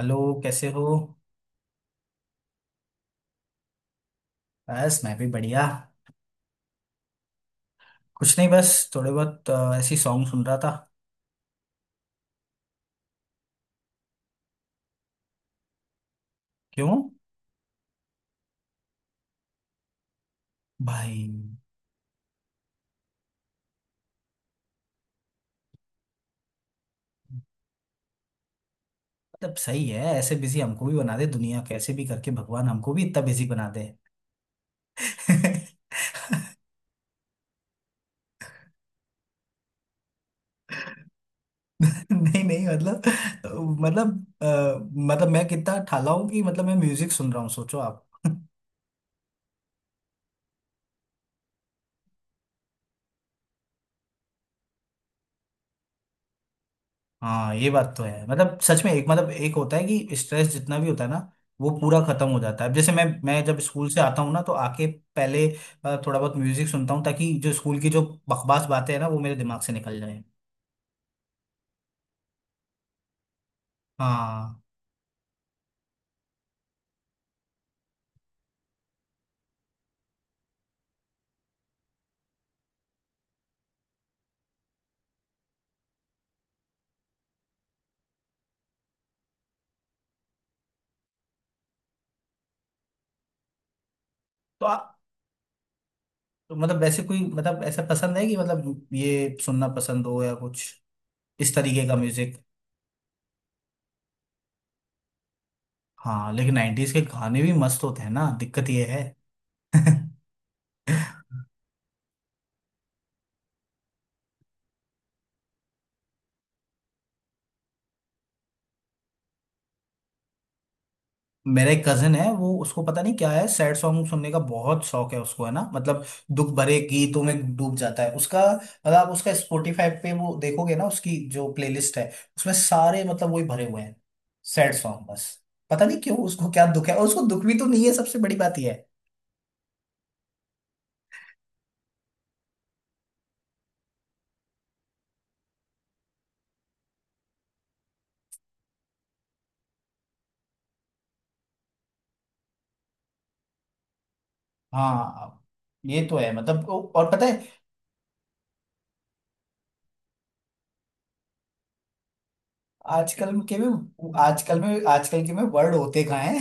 Hello. कैसे हो? बस मैं भी बढ़िया। कुछ नहीं, बस थोड़े बहुत ऐसी सॉन्ग सुन रहा था। क्यों? भाई। मतलब सही है, ऐसे बिजी हमको भी बना दे दुनिया। कैसे भी करके भगवान हमको भी इतना बिजी बना दे। नहीं नहीं, मतलब मतलब मैं कितना ठाला हूँ कि मतलब मैं म्यूजिक सुन रहा हूँ, सोचो। हाँ, ये बात तो है। मतलब सच में एक, मतलब एक होता है कि स्ट्रेस जितना भी होता है ना, वो पूरा खत्म हो जाता है। अब जैसे मैं जब स्कूल से आता हूँ ना तो आके पहले थोड़ा बहुत म्यूजिक सुनता हूँ ताकि जो स्कूल की जो बकवास बातें हैं ना, वो मेरे दिमाग से निकल जाए। हाँ। तो, आ, तो मतलब वैसे कोई मतलब ऐसा पसंद है कि मतलब ये सुनना पसंद हो या कुछ इस तरीके का म्यूजिक? हाँ, लेकिन 90s के गाने भी मस्त होते हैं ना, दिक्कत ये है। मेरा एक कजन है, वो, उसको पता नहीं क्या है, सैड सॉन्ग सुनने का बहुत शौक है उसको, है ना? मतलब दुख भरे गीतों में डूब जाता है उसका। मतलब आप उसका स्पॉटिफाई पे वो देखोगे ना, उसकी जो प्लेलिस्ट है उसमें सारे मतलब वही भरे हुए हैं, सैड सॉन्ग, बस। पता नहीं क्यों उसको क्या दुख है, और उसको दुख भी तो नहीं है, सबसे बड़ी बात यह है। हाँ, ये तो है, मतलब और पता है। आजकल के में, आजकल में, आजकल के में वर्ड होते कहाँ?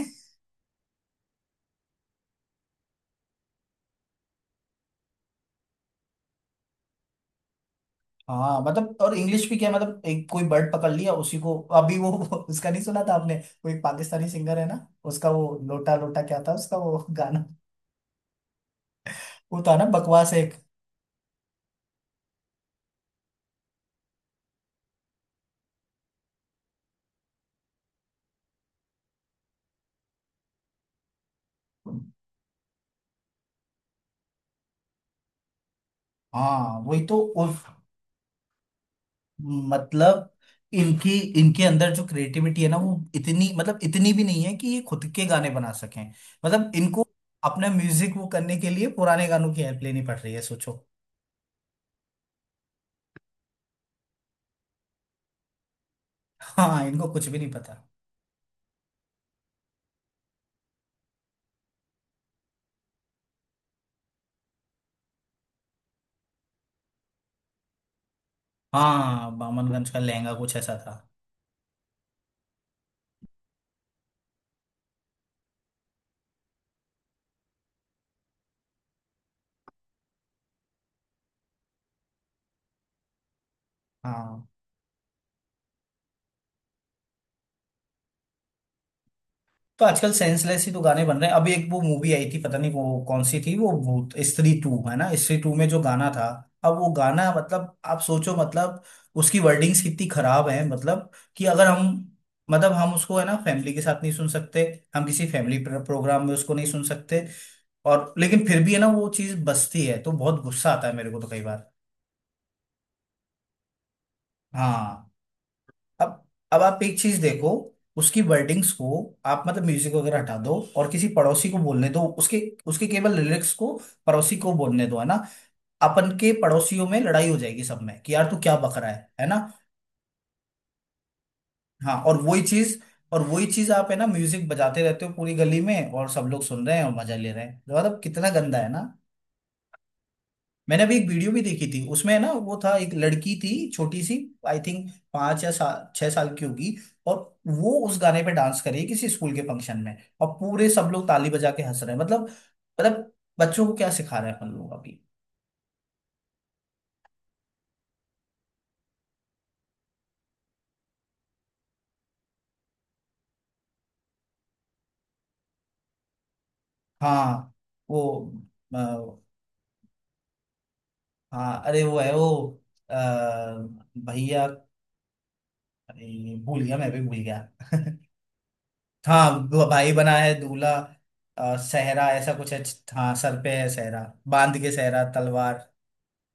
हाँ, मतलब और इंग्लिश भी क्या है, मतलब एक कोई बर्ड पकड़ लिया उसी को। अभी वो उसका नहीं सुना था आपने? वो एक पाकिस्तानी सिंगर है ना, उसका वो लोटा लोटा क्या था उसका वो गाना? वो था ना, बकवास एक। हाँ वही तो। उस, मतलब, इनकी, इनके अंदर जो क्रिएटिविटी है ना, वो इतनी, मतलब इतनी भी नहीं है कि ये खुद के गाने बना सकें। मतलब इनको अपना म्यूजिक वो करने के लिए पुराने गानों की हेल्प लेनी पड़ रही है, सोचो। हाँ, इनको कुछ भी नहीं पता। हाँ, बामनगंज का लहंगा कुछ ऐसा था। हाँ, तो आजकल सेंसलेस ही तो गाने बन रहे हैं। अभी एक वो मूवी आई थी, पता नहीं वो कौन सी थी, वो भूत, स्त्री 2 है ना, स्त्री 2 में जो गाना था। अब वो गाना, मतलब आप सोचो, मतलब उसकी वर्डिंग्स कितनी खराब है, मतलब कि अगर हम, मतलब हम उसको है ना फैमिली के साथ नहीं सुन सकते, हम किसी फैमिली प्रोग्राम में उसको नहीं सुन सकते। और लेकिन फिर भी है ना वो चीज बसती है तो बहुत गुस्सा आता है मेरे को, तो कई बार। हाँ। अब अब आप एक चीज देखो, उसकी वर्डिंग्स को। आप मतलब म्यूजिक वगैरह हटा दो और किसी पड़ोसी को बोलने दो उसके उसके केवल लिरिक्स को, पड़ोसी को बोलने दो, है ना? अपन के पड़ोसियों में लड़ाई हो जाएगी सब में कि यार तू क्या बक रहा है ना? हाँ, और वही चीज आप है ना म्यूजिक बजाते रहते हो पूरी गली में और सब लोग सुन रहे हैं और मजा ले रहे हैं, मतलब कितना गंदा है ना। मैंने अभी एक वीडियो भी देखी थी, उसमें है ना, वो था, एक लड़की थी छोटी सी, आई थिंक पांच या छह साल की होगी। और वो उस गाने पे डांस कर रही है किसी स्कूल के फंक्शन में, और पूरे सब लोग ताली बजा के हंस रहे हैं। मतलब बच्चों को क्या सिखा रहे हैं अपन लोग अभी। हाँ, वो अ, हाँ अरे वो है वो अ, भैया, अरे भूल गया, मैं भी भूल गया। हाँ, भाई बना है दूल्हा, सहरा ऐसा कुछ है। हाँ, सर पे है सहरा, बांध के सहरा तलवार,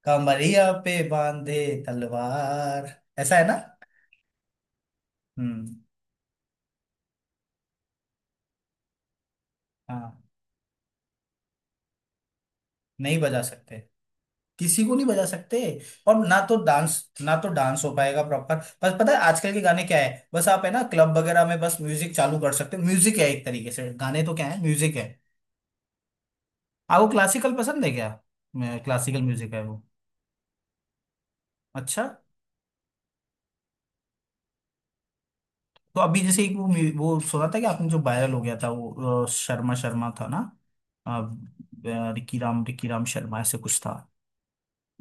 कमरिया पे बांधे तलवार, ऐसा है ना? हम्म। हाँ, नहीं बजा सकते, किसी को नहीं बजा सकते। और ना तो डांस हो पाएगा प्रॉपर। बस पता है आजकल के गाने क्या है, बस आप है ना क्लब वगैरह में बस म्यूजिक चालू कर सकते हो। म्यूजिक है, एक तरीके से गाने तो क्या है, म्यूजिक है। आपको क्लासिकल पसंद है क्या? क्लासिकल म्यूजिक है वो। अच्छा। तो अभी जैसे एक वो वो सुना था कि आपने, जो वायरल हो गया था वो, शर्मा शर्मा था ना? अ, अ, रिकी राम शर्मा ऐसे कुछ था।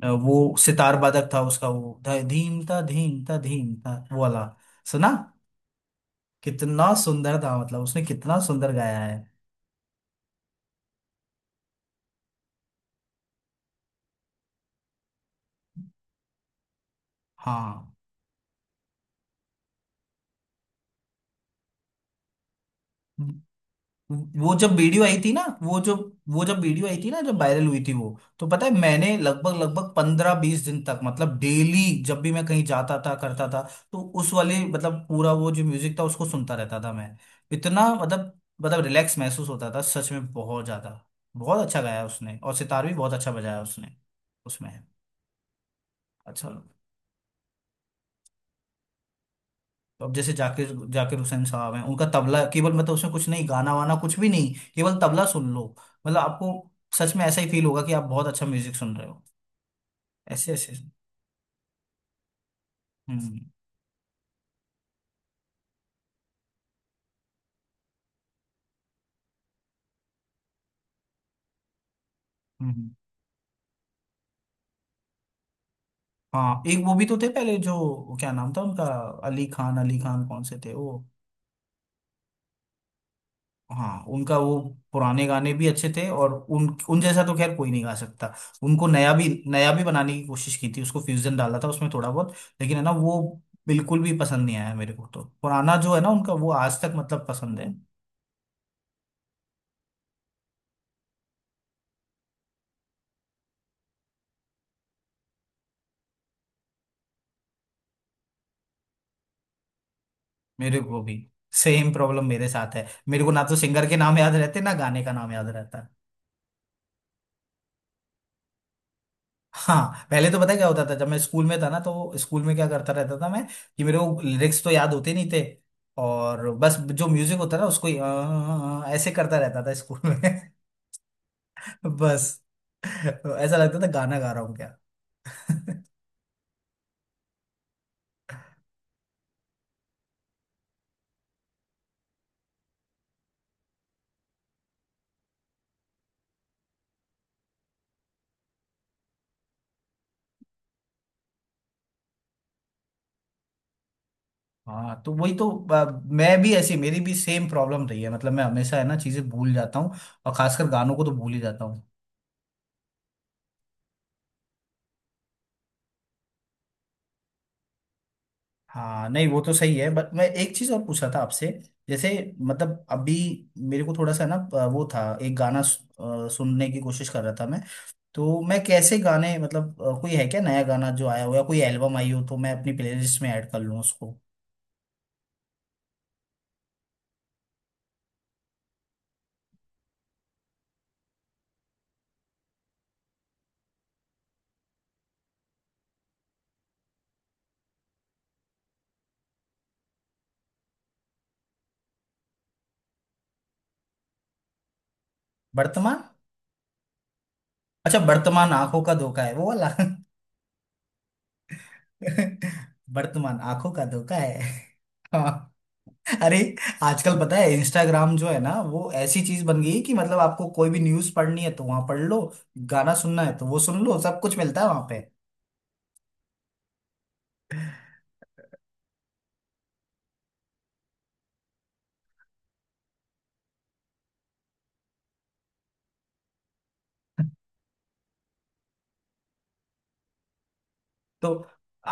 वो सितार वादक था, उसका वो धीम था धीम था धीम था वो वाला। सुना? कितना सुंदर था, मतलब उसने कितना सुंदर गाया है। हाँ, वो जब वीडियो आई थी ना वो जो वो जब वीडियो आई थी ना, जब वायरल हुई थी वो, तो पता है मैंने लगभग लगभग 15-20 दिन तक मतलब डेली, जब भी मैं कहीं जाता था, करता था। तो उस वाले मतलब पूरा वो जो म्यूजिक था उसको सुनता रहता था मैं, इतना मतलब रिलैक्स महसूस होता था सच में, बहुत ज्यादा। बहुत अच्छा गाया उसने, और सितार भी बहुत अच्छा बजाया उसने उसमें। अच्छा। तो अब जैसे जाकिर जाकिर हुसैन साहब हैं, उनका तबला केवल, मतलब उसमें कुछ नहीं, गाना वाना कुछ भी नहीं, केवल तबला सुन लो। मतलब आपको सच में ऐसा ही फील होगा कि आप बहुत अच्छा म्यूजिक सुन रहे हो, ऐसे ऐसे। हम्म हम्म हम्म। हाँ, एक वो भी तो थे पहले, जो क्या नाम था उनका, अली खान कौन से थे वो? हाँ, उनका वो पुराने गाने भी अच्छे थे, और उन उन जैसा तो खैर कोई नहीं गा सकता। उनको नया भी बनाने की कोशिश की थी, उसको फ्यूजन डाला था उसमें थोड़ा बहुत, लेकिन है ना, वो बिल्कुल भी पसंद नहीं आया मेरे को। तो पुराना जो है ना उनका, वो आज तक मतलब पसंद है। मेरे को भी सेम प्रॉब्लम मेरे साथ है, मेरे को ना तो सिंगर के नाम याद रहते, ना गाने का नाम याद रहता। हाँ, पहले तो पता है क्या होता था, जब मैं स्कूल में था ना तो स्कूल में क्या करता रहता था मैं कि मेरे को लिरिक्स तो याद होते नहीं थे, और बस जो म्यूजिक होता ना उसको ही, "आ, आ, आ", ऐसे करता रहता था स्कूल में। बस, तो ऐसा लगता था गाना गा रहा हूँ क्या? हाँ तो वही तो, मैं भी ऐसी मेरी भी सेम प्रॉब्लम रही है। मतलब मैं हमेशा है ना चीजें भूल जाता हूँ, और खासकर गानों को तो भूल ही जाता हूँ। हाँ नहीं, वो तो सही है, बट मैं एक चीज और पूछ रहा था आपसे। जैसे मतलब, अभी मेरे को थोड़ा सा ना वो था, एक गाना सुनने की कोशिश कर रहा था मैं। तो मैं कैसे गाने, मतलब कोई है क्या नया गाना जो आया हो या कोई एल्बम आई हो तो मैं अपनी प्लेलिस्ट में ऐड कर लूँ उसको? वर्तमान? अच्छा, वर्तमान आंखों का धोखा है, वो वाला। वर्तमान आंखों का धोखा है। अरे। आजकल पता है इंस्टाग्राम जो है ना वो ऐसी चीज बन गई है कि, मतलब आपको कोई भी न्यूज पढ़नी है तो वहां पढ़ लो, गाना सुनना है तो वो सुन लो, सब कुछ मिलता है वहां पे। तो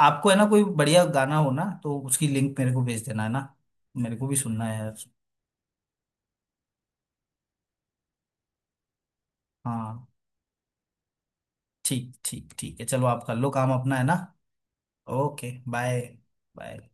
आपको है ना, कोई बढ़िया गाना हो ना तो उसकी लिंक मेरे को भेज देना है ना। मेरे को भी सुनना है यार। हाँ ठीक ठीक, ठीक है, चलो आप कर लो काम अपना, है ना? Okay, bye bye.